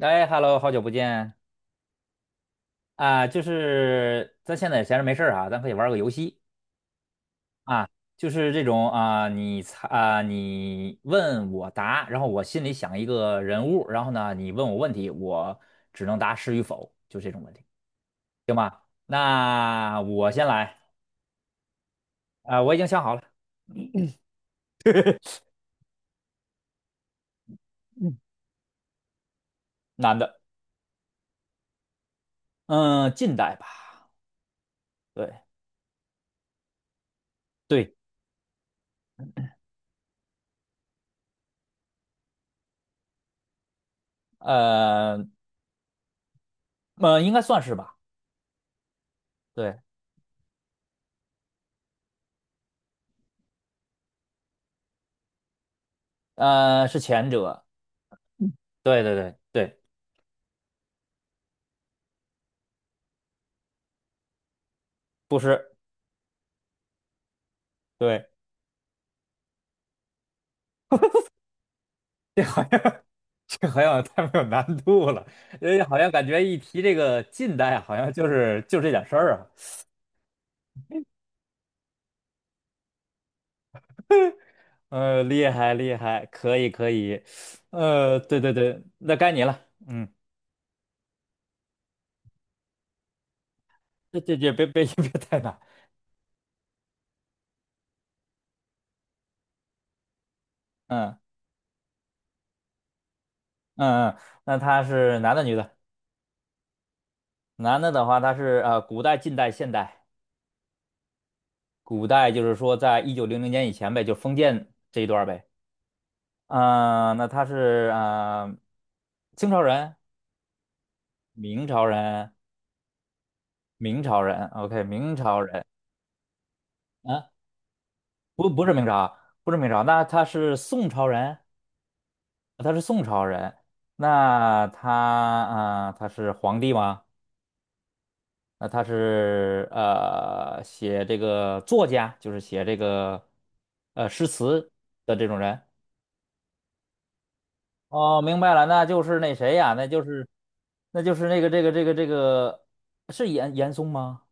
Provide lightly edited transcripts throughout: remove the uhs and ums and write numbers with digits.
哎，Hello，好久不见啊！就是咱现在闲着没事儿啊，咱可以玩个游戏啊，就是这种啊，你猜啊，你问我答，然后我心里想一个人物，然后呢，你问我问题，我只能答是与否，就这种问题。那我先来啊，我已经想好了。嗯，男的。嗯，近代吧。对对，呃应该算是吧。对。是前者。对对对对。不是。对。这好像太没有难度了。好像感觉一提这个近代啊，好像就是就这点事儿啊。厉害厉害，可以可以。对对对，那该你了。嗯，这这这别别 别太难。嗯嗯嗯。那他是男的女的？男的的话，他是古代、近代、现代？古代就是说在一九零零年以前呗，就封建这一段儿呗。啊、那他是清朝人、明朝人、明朝人，OK，明朝人。啊，不，不是明朝，不是明朝，那他是宋朝人。他是宋朝人。那他他是皇帝吗？那他是写这个作家，就是写这个诗词的这种人。哦，明白了，那就是那谁呀？那就是那就是那个这个是严嵩吗？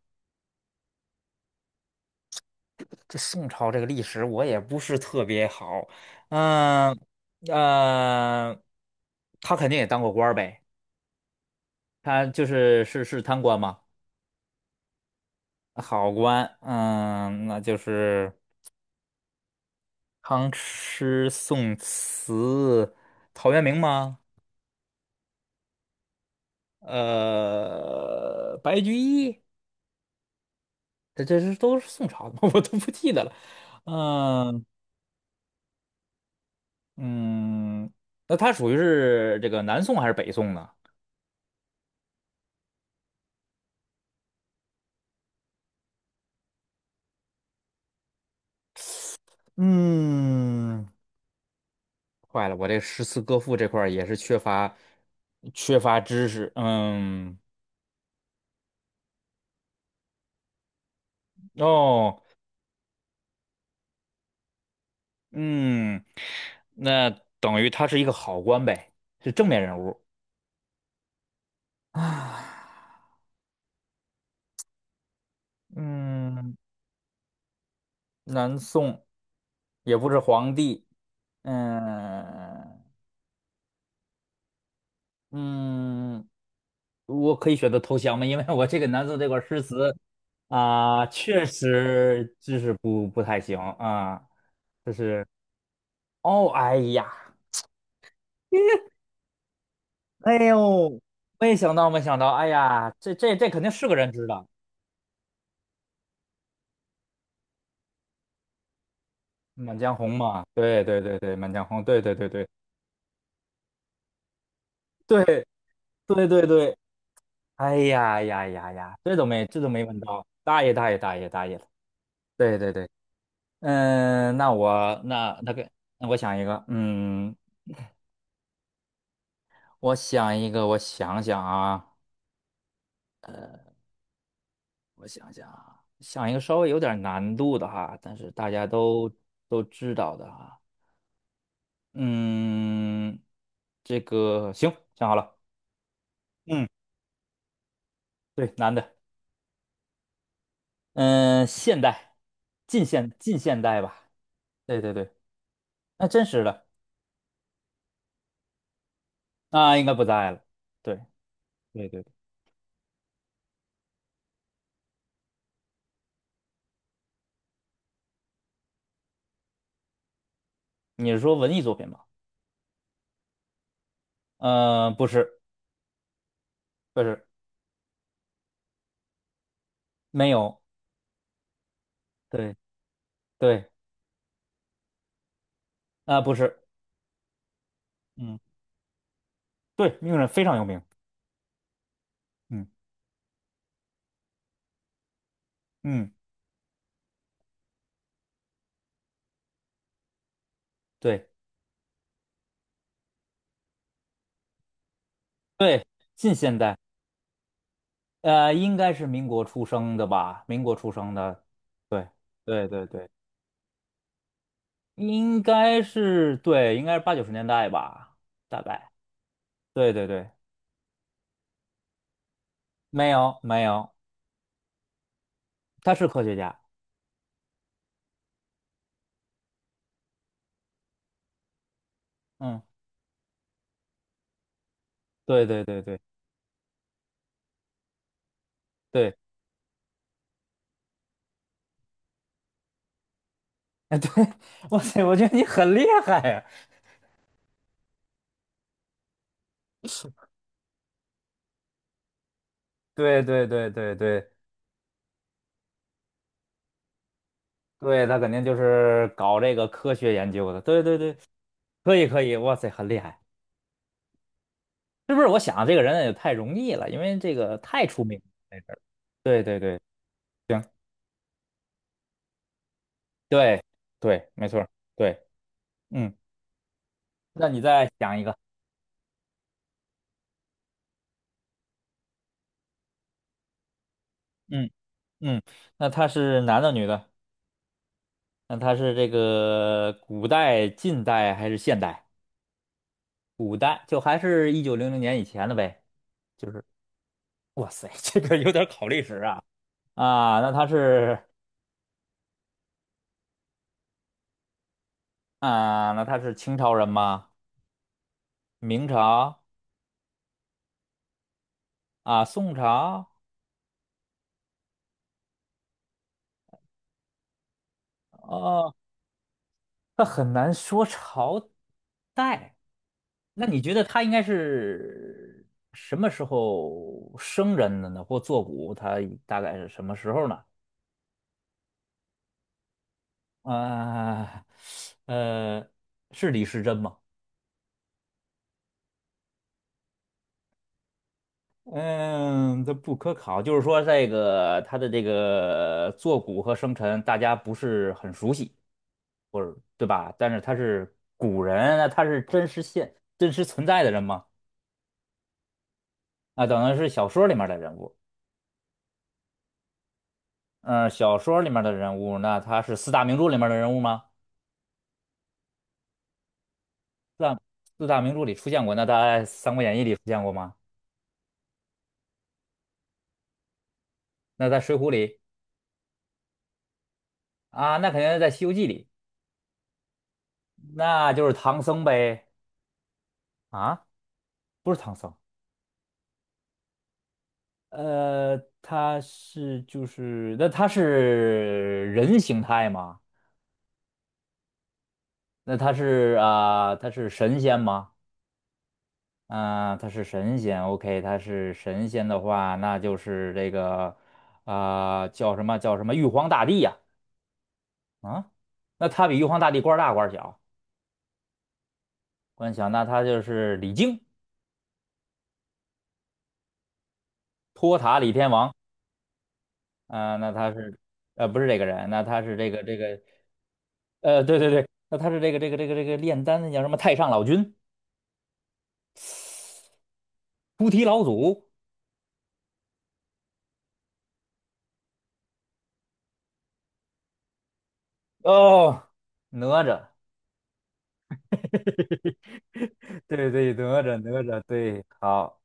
这宋朝这个历史我也不是特别好。嗯。呃，他肯定也当过官儿呗。他就是是贪官嘛。好官。嗯，那就是康师、宋慈、陶渊明吗？白居易？这这是都是宋朝的吗？我都不记得了。嗯嗯。那他属于是这个南宋还是北宋呢？嗯。坏了，我这诗词歌赋这块儿也是缺乏知识。嗯。哦。嗯，那等于他是一个好官呗，是正面人物啊。嗯，南宋也不是皇帝。嗯嗯，我可以选择投降吗？因为我这个南宋这块儿诗词啊，确实知识不太行啊。就是哦，哎呀。哎呦，没想到，没想到，哎呀，这这这肯定是个人知道。《满江红》嘛，对对对对，《满江红》，对对对对对对对对。哎呀呀呀呀，这都没问到，大爷大爷大爷大爷了。对对对。嗯，那我那个，那我想一个。嗯，我想一个。我想想啊，我想想啊，想一个稍微有点难度的哈，但是大家都都知道的哈。嗯，这个行，想好了。嗯，对，男的。嗯，现代，近现代吧。对对对。那真实的，那应该不在了。对。对对对。你是说文艺作品吧？不是。不是。没有。对。对。啊、不是。嗯。对，名人非常有名。嗯嗯。对对，近现代。应该是民国出生的吧？民国出生的。对对对对。应该是对，应该是八九十年代吧，大概。对对对。没有没有。他是科学家。嗯，对对对对对。哎对。哇塞，我觉得你很厉害呀。对对对对对对。他肯定就是搞这个科学研究的。对对对。可以可以，哇塞，很厉害。是不是？我想这个人也太容易了，因为这个太出名了这事儿。对对对。行。对对，没错儿。对。嗯。那你再想一个。嗯。嗯。那他是男的女的？那他是这个古代、近代还是现代？古代就还是一九零零年以前的呗。就是，哇塞，这个有点考历史啊。啊，那他是啊，那他是清朝人吗？明朝？啊，宋朝？哦，那很难说朝代。那你觉得他应该是什么时候生人的呢？或作古，他大概是什么时候呢？啊。呃，是李时珍吗？嗯，这不可考，就是说这个他的这个坐骨和生辰，大家不是很熟悉，或者对吧？但是他是古人，那他是真实存在的人吗？啊，等于是小说里面的人物。嗯，小说里面的人物，那他是四大名著里面的人物吗？四大四大名著里出现过，那他在《三国演义》里出现过吗？那在《水浒》里？啊，那肯定是在《西游记》里。那就是唐僧呗。啊，不是唐僧。他是就是，那他是人形态吗？那他是啊、他是神仙吗？啊、他是神仙，OK，他是神仙的话，那就是这个啊、叫什么叫什么玉皇大帝呀。啊？那他比玉皇大帝官儿大官儿小？官小，那他就是李靖，托塔李天王？啊、那他是不是这个人？那他是对对对，那他是这个炼丹的叫什么太上老君、菩提老祖？哦，哪吒！对对，哪吒哪吒，对，好。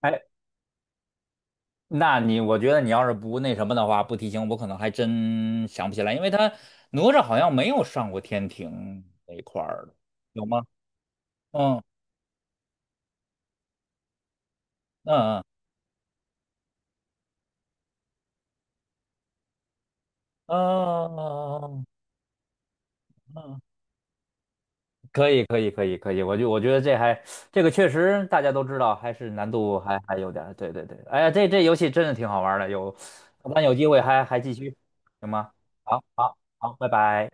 哎，那你我觉得你要是不那什么的话，不提醒我，可能还真想不起来，因为他哪吒好像没有上过天庭那一块儿的。有吗？嗯嗯嗯嗯嗯嗯嗯。可以，可以，可以，可以，我就我觉得这还这个确实大家都知道，还是难度还有点儿，对对对，哎呀，这这游戏真的挺好玩儿的，有，咱有机会还继续，行吗？好，好，好，拜拜。